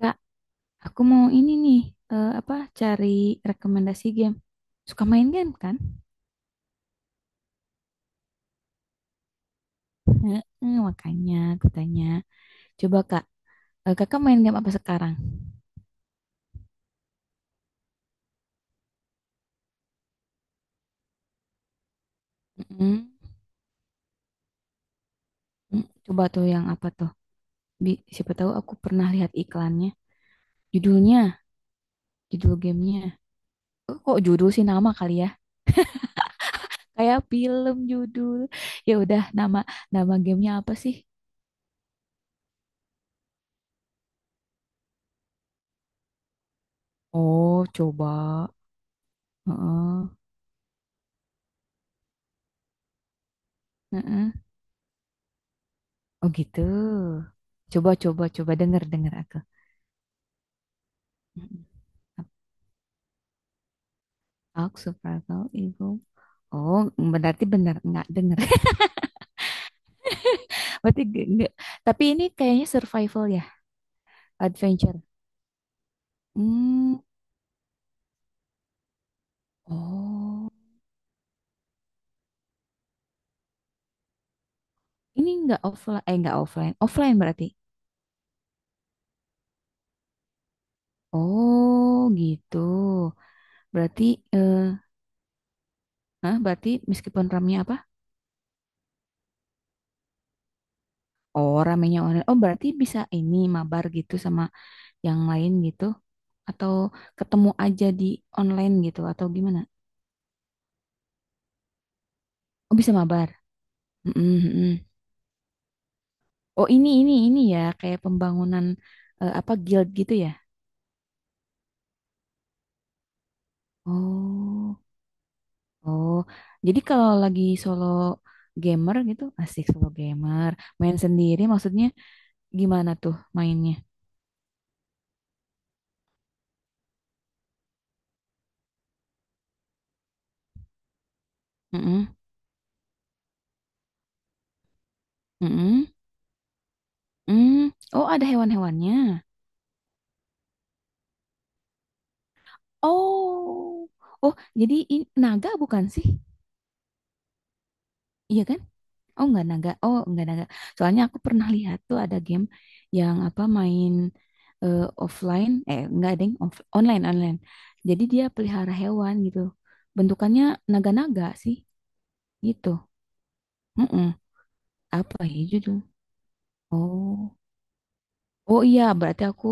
Kak, aku mau ini nih, eh, apa cari rekomendasi game. Suka main game kan? Heeh, makanya aku tanya. Coba Kak, Kakak main game apa sekarang? Mm-mm. Coba tuh yang apa tuh? Siapa tahu aku pernah lihat iklannya. Judulnya, judul gamenya. Kok judul sih nama kali ya? Kayak film judul. Ya udah, nama nama gamenya apa sih? Oh, coba. Heeh. Heeh. Oh gitu. Coba, coba, coba, denger, denger aku. Mm-mm. Talk survival evil. Oh, berarti benar nggak dengar. Berarti nggak, nggak. Tapi ini kayaknya survival ya, adventure. Hmm. Oh, ini nggak offline, eh nggak offline, offline berarti. Oh, gitu. Berarti, eh, nah berarti meskipun ramenya apa? Oh, ramenya online. Oh, berarti bisa ini mabar gitu sama yang lain gitu, atau ketemu aja di online gitu, atau gimana? Oh, bisa mabar. Mm-mm, mm-mm. Oh, ini ya kayak pembangunan, eh, apa guild gitu ya? Oh, oh, jadi kalau lagi solo gamer gitu asik, solo gamer main sendiri maksudnya, gimana tuh mainnya? Mm-mm, mm-mm, mm. Oh, ada hewan-hewannya. Oh, oh, jadi naga bukan sih? Iya kan? Oh, nggak naga, oh nggak naga. Soalnya aku pernah lihat tuh ada game yang apa main eh, offline, eh nggak deng, online online. Jadi dia pelihara hewan gitu. Bentukannya naga-naga sih gitu. Mm-mm. Apa ya judul? Oh. Oh iya, berarti aku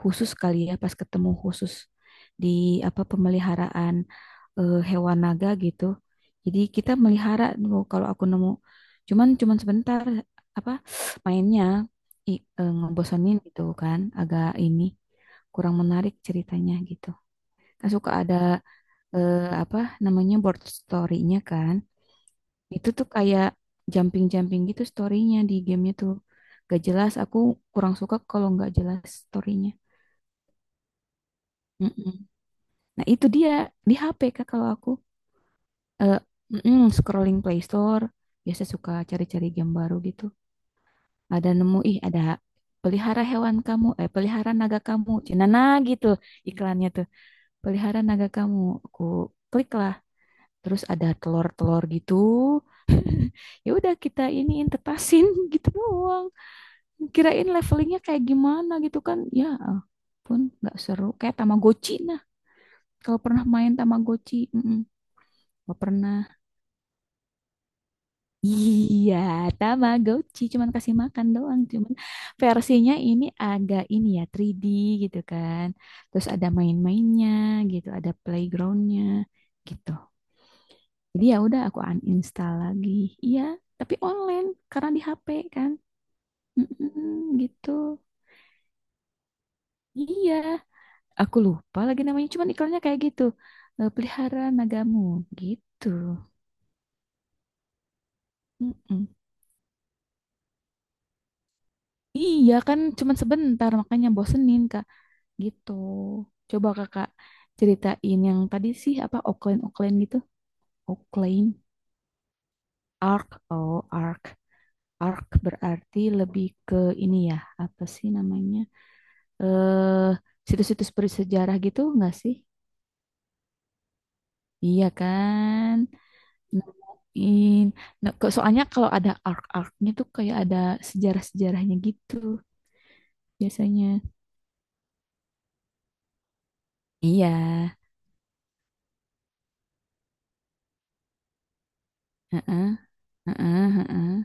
khusus kali ya pas ketemu khusus di apa pemeliharaan, hewan naga gitu. Jadi kita melihara dulu kalau aku nemu. Cuman cuman sebentar, apa, mainnya i, ngebosenin gitu kan, agak ini kurang menarik ceritanya gitu. Kan suka ada, eh, apa namanya board story-nya kan. Itu tuh kayak jumping-jumping gitu storynya di gamenya tuh. Gak jelas, aku kurang suka kalau nggak jelas storynya. Mm-mm. Nah itu dia di HP Kak, kalau aku eh mm-mm, scrolling Play Store biasa suka cari-cari game baru gitu. Ada nemu, ih ada pelihara hewan kamu, eh pelihara naga kamu cenana gitu, iklannya tuh pelihara naga kamu. Aku klik lah, terus ada telur-telur gitu, ya udah kita iniin tetasin, gitu doang. Kirain levelingnya kayak gimana gitu kan ya, pun nggak seru kayak Tamagotchi. Nah kalau pernah main Tamagotchi, nggak pernah. Iya, Tamagotchi cuman kasih makan doang. Cuman versinya ini agak ini ya, 3D gitu kan, terus ada main-mainnya gitu, ada playgroundnya gitu. Jadi ya udah aku uninstall lagi, iya. Tapi online karena di HP kan. Mm-mm, gitu, iya. Aku lupa lagi namanya, cuman iklannya kayak gitu. Pelihara nagamu gitu. Mm-mm. Iya kan cuman sebentar makanya bosenin Kak gitu. Coba Kakak ceritain yang tadi sih apa, Oakland Oakland gitu. Oakland Arc, oh Arc. Arc berarti lebih ke ini ya, apa sih namanya? Eh Situs-situs bersejarah gitu enggak sih? Iya kan? Nemuin. Nah, soalnya kalau ada arc-arcnya tuh kayak ada sejarah-sejarahnya gitu biasanya. Iya. Heeh, heeh, heeh.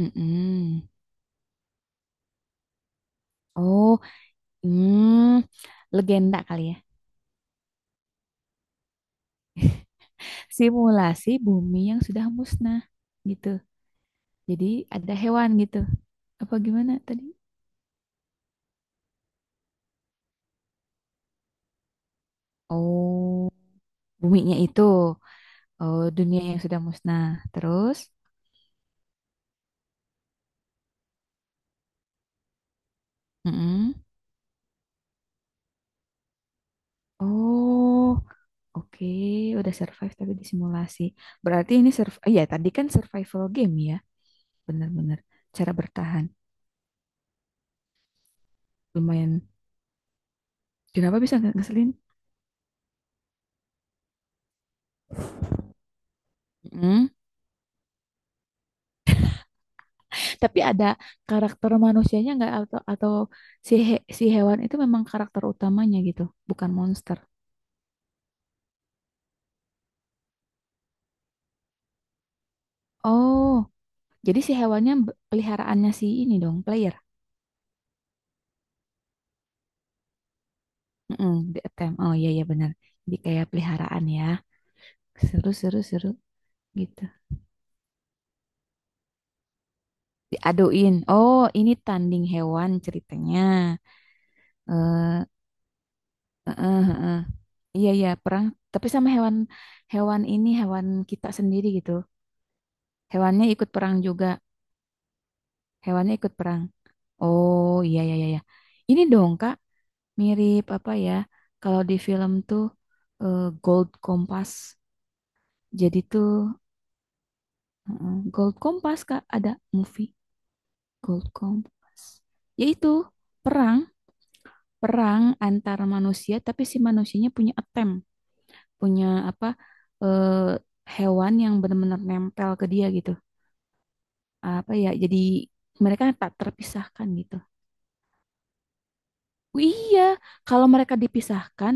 Mm-mm. Oh, hmm, legenda kali ya. Simulasi bumi yang sudah musnah gitu. Jadi ada hewan gitu. Apa gimana tadi? Oh, buminya itu, oh, dunia yang sudah musnah. Terus, mm-mm. Oh. Oke, udah survive tapi disimulasi. Berarti ini ya tadi kan survival game ya, bener-bener cara bertahan. Lumayan. Kenapa bisa nggak ngeselin? Mm. Tapi ada karakter manusianya nggak, atau si hewan itu memang karakter utamanya gitu, bukan monster. Oh, jadi si hewannya, peliharaannya si ini dong, player. Mm-mm, di attempt. Oh iya iya, benar. Jadi kayak peliharaan ya. Seru, seru, seru gitu. Diaduin. Oh, ini tanding hewan ceritanya. eh heeh, heeh. Iya iya, perang tapi sama hewan, hewan ini hewan kita sendiri gitu. Hewannya ikut perang juga. Hewannya ikut perang. Oh iya iya iya. Iya. Ini dong Kak, mirip apa ya? Kalau di film tuh, Gold Compass. Jadi tuh, heeh, Gold Compass Kak ada movie Gold Compass. Yaitu perang, perang antar manusia tapi si manusianya punya attempt. Punya apa, eh, hewan yang benar-benar nempel ke dia gitu. Apa ya? Jadi mereka tak terpisahkan gitu. Oh iya, kalau mereka dipisahkan,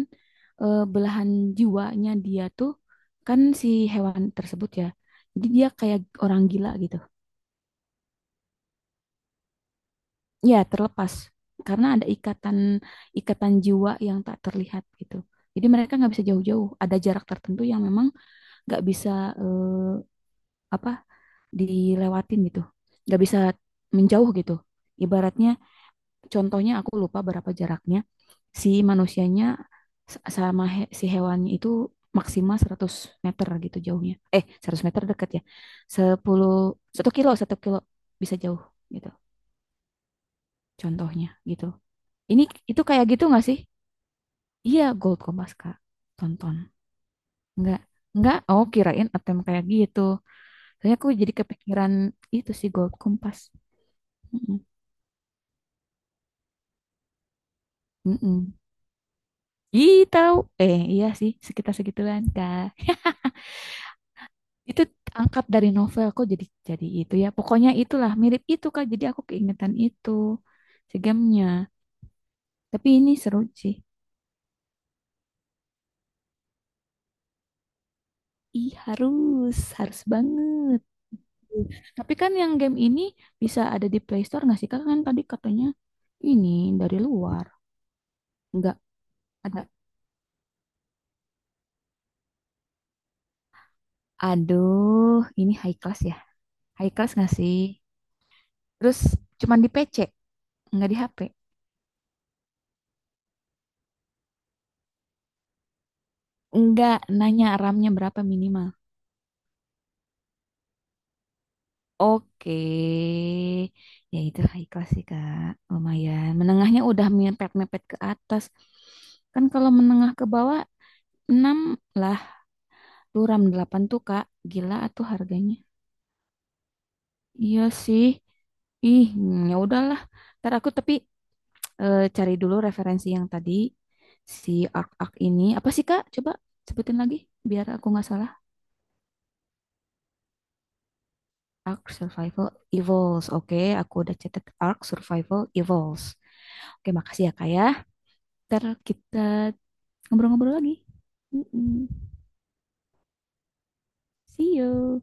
belahan jiwanya dia tuh kan si hewan tersebut ya. Jadi dia kayak orang gila gitu. Ya, terlepas karena ada ikatan, ikatan jiwa yang tak terlihat gitu. Jadi mereka nggak bisa jauh-jauh. Ada jarak tertentu yang memang nggak bisa, eh, apa dilewatin gitu, nggak bisa menjauh gitu ibaratnya. Contohnya aku lupa berapa jaraknya si manusianya sama si hewannya itu. Maksimal 100 meter gitu jauhnya, eh 100 meter dekat ya. 10, 1 kilo, bisa jauh gitu contohnya gitu. Ini itu kayak gitu nggak sih? Iya, Gold Kompas Kak, tonton nggak? Nggak, Oh, kirain attempt kayak gitu, soalnya aku jadi kepikiran itu sih, Gold Kompas. Mm-mm. Mm-mm. Ih, tahu. Iya sih, sekitar segituan, Kak. Itu angkat dari novel kok jadi itu ya. Pokoknya itulah, mirip itu Kak. Jadi aku keingetan itu si gamenya. Tapi ini seru sih. Ih, harus, harus banget. Tapi kan yang game ini bisa ada di Play Store nggak sih, Kak? Kan tadi katanya ini dari luar. Nggak ada. Aduh, ini high class ya. High class nggak sih? Terus cuman di PC, nggak di HP. Nggak, nanya RAM-nya berapa minimal. Oke, ya itu high class sih Kak, lumayan. Menengahnya udah mepet-mepet ke atas. Kan kalau menengah ke bawah 6 lah, duram 8 tuh Kak, gila tuh harganya. Iya sih, ih, ya udahlah. Ntar aku tapi cari dulu referensi yang tadi, si Ark-Ark ini. Apa sih Kak? Coba sebutin lagi biar aku nggak salah. Ark Survival Evolves, oke, aku udah catat Ark Survival Evolves. Oke, makasih ya Kak ya. Ntar kita ngobrol-ngobrol lagi. Mm-mm. See you.